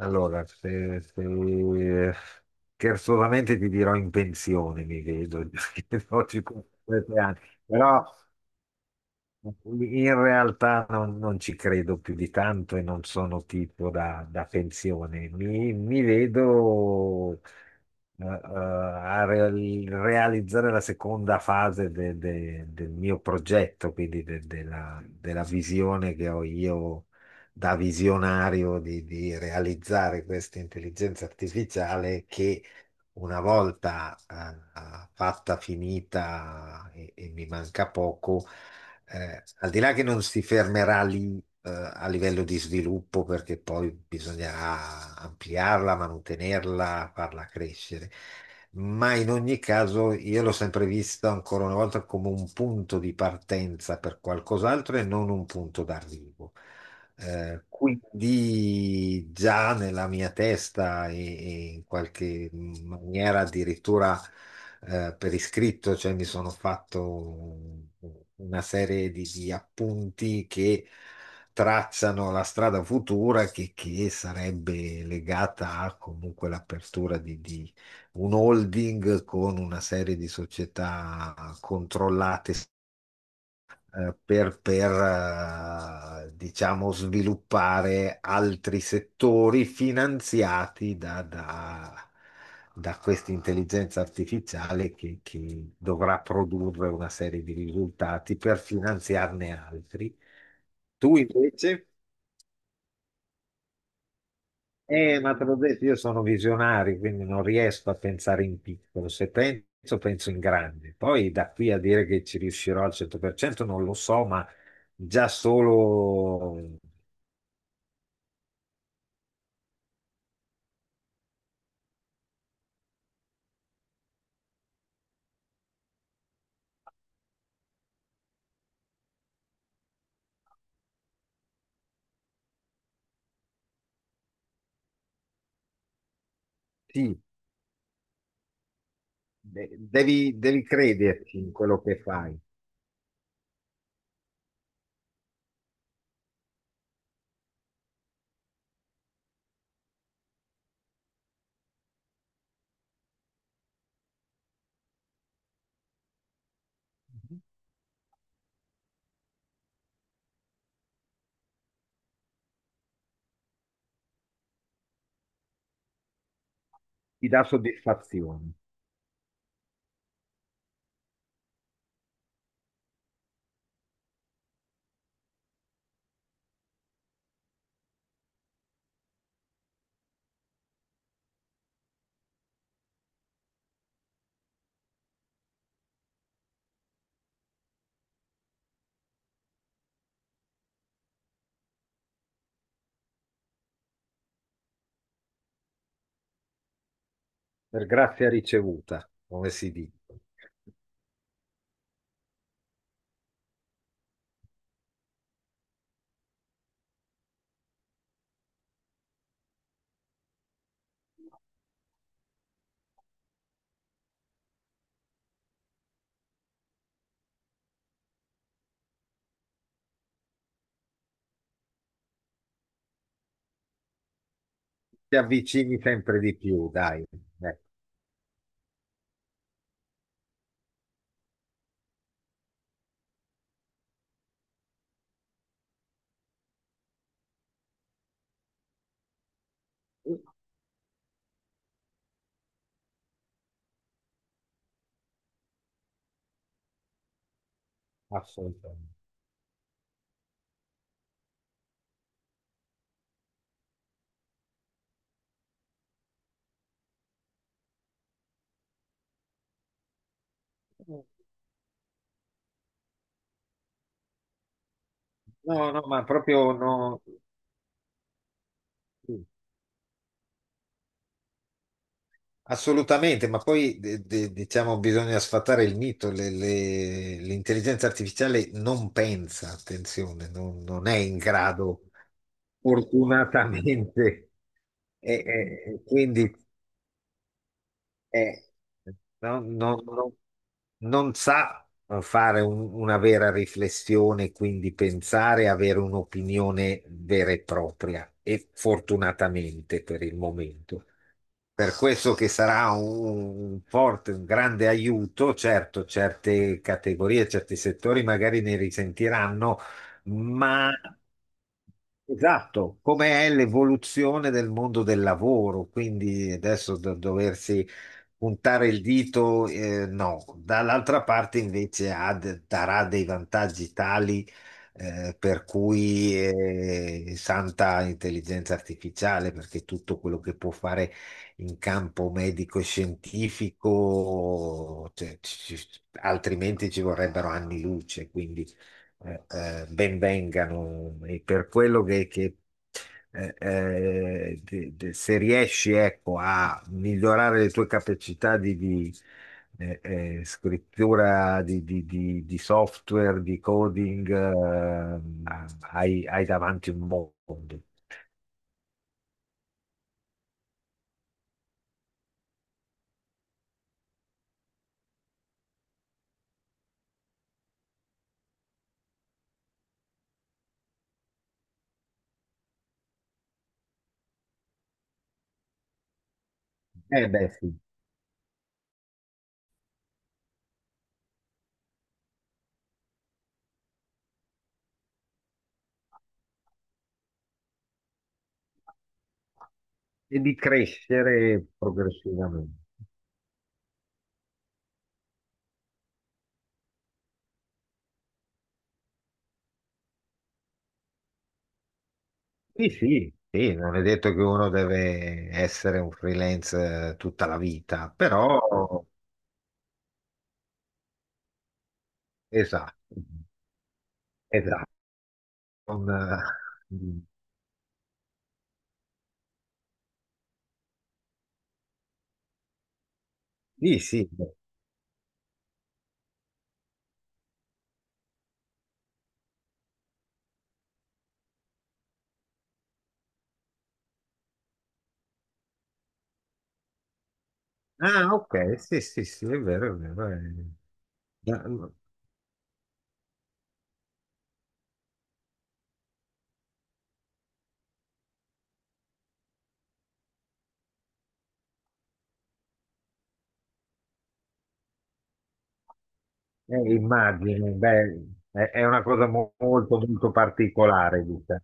Allora, scherzosamente ti dirò in pensione, mi vedo, perché ho 57 anni, però in realtà non ci credo più di tanto e non sono tipo da pensione. Mi vedo eh, eh, a re- realizzare la seconda fase del mio progetto, quindi della visione che ho io da visionario di realizzare questa intelligenza artificiale che una volta fatta, finita e mi manca poco, al di là che non si fermerà lì, a livello di sviluppo, perché poi bisognerà ampliarla, mantenerla, farla crescere. Ma in ogni caso io l'ho sempre vista ancora una volta come un punto di partenza per qualcos'altro e non un punto d'arrivo. Quindi già nella mia testa e in qualche maniera addirittura, per iscritto, cioè mi sono fatto una serie di appunti che tracciano la strada futura che sarebbe legata a comunque l'apertura di un holding con una serie di società controllate, diciamo, sviluppare altri settori finanziati da questa intelligenza artificiale che dovrà produrre una serie di risultati per finanziarne altri. Tu invece? Ma te l'ho detto, io sono visionario, quindi non riesco a pensare in piccolo. Se penso, penso in grande. Poi da qui a dire che ci riuscirò al 100% non lo so, ma già solo, sì, devi crederci in quello che fai. Mhm. Ti dà soddisfazione per grazia ricevuta, come si dice. Ti avvicini sempre di più, dai, ecco, assolutamente. No, no, ma proprio no, sì, assolutamente, ma poi diciamo bisogna sfatare il mito, l'intelligenza artificiale non pensa, attenzione, non è in grado, fortunatamente. Quindi eh, non, non- non- non sa fare una vera riflessione, quindi pensare, avere un'opinione vera e propria, e fortunatamente per il momento. Per questo che sarà un forte, un grande aiuto, certo, certe categorie, certi settori magari ne risentiranno, ma esatto, come è l'evoluzione del mondo del lavoro, quindi adesso da doversi puntare il dito, no, dall'altra parte invece darà dei vantaggi tali, per cui, santa intelligenza artificiale, perché tutto quello che può fare in campo medico e scientifico, cioè, altrimenti ci vorrebbero anni luce, quindi ben vengano e per quello che, se riesci, ecco, a migliorare le tue capacità eh, scrittura, di software, di coding, hai davanti un mondo. Eh beh, sì. E di crescere progressivamente. Sì, sì, sì, non è detto che uno deve essere un freelance, tutta la vita, però esatto, esatto. Non, sì, sì. Ah, ok, sì, sì, sì, è vero, è vero. è- eh, immagino, beh, è una cosa molto, molto particolare, dice.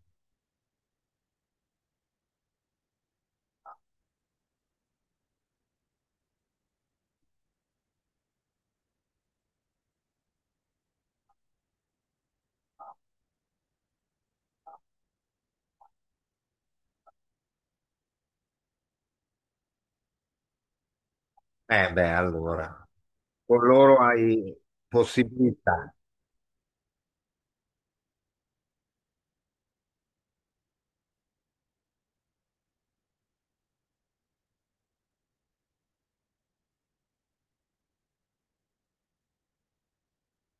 Beh, allora, con loro hai possibilità.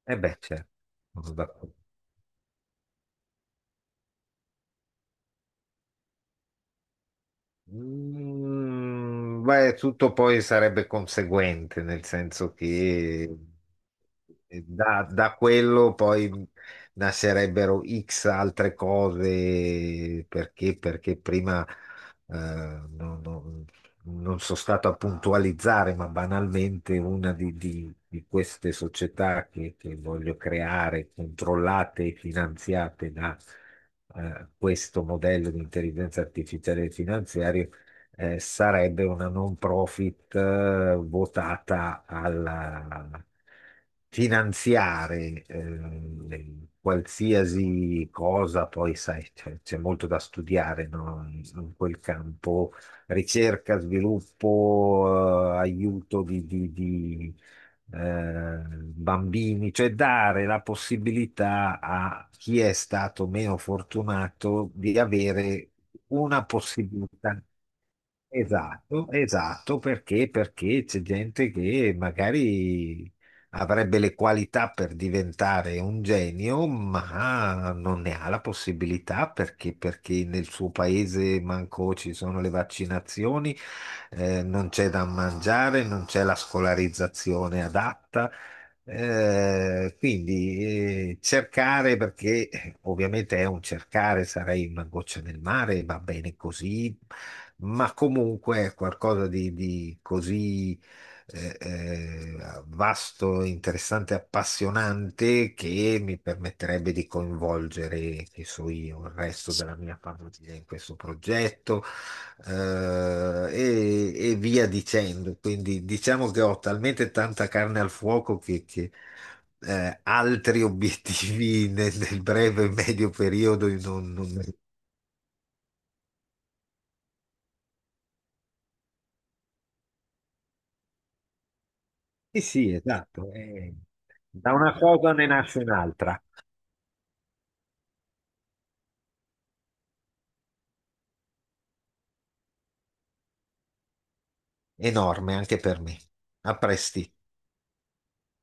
Beh, certo, sono d'accordo. Mm, beh, tutto poi sarebbe conseguente, nel senso che da quello poi nascerebbero X altre cose, perché, perché prima non sono stato a puntualizzare, ma banalmente una di queste società che voglio creare, controllate e finanziate da, questo modello di intelligenza artificiale finanziaria, sarebbe una non profit, votata al finanziare, qualsiasi cosa, poi sai, c'è molto da studiare, no? In quel campo ricerca, sviluppo, aiuto di, bambini, cioè dare la possibilità a chi è stato meno fortunato di avere una possibilità. Esatto, esatto, perché? Perché c'è gente che magari avrebbe le qualità per diventare un genio, ma non ne ha la possibilità perché, perché nel suo paese manco ci sono le vaccinazioni, non c'è da mangiare, non c'è la scolarizzazione adatta. Quindi, cercare, perché, ovviamente è un cercare, sarei una goccia nel mare, va bene così, ma comunque è qualcosa di così eh, eh, vasto, interessante, appassionante, che mi permetterebbe di coinvolgere, che so io, il resto della mia famiglia in questo progetto, eh, e via dicendo. Quindi diciamo che ho talmente tanta carne al fuoco altri obiettivi nel, nel breve e medio periodo io non. Sì, sì, esatto. Da una cosa ne nasce un'altra, enorme anche per me. A presto.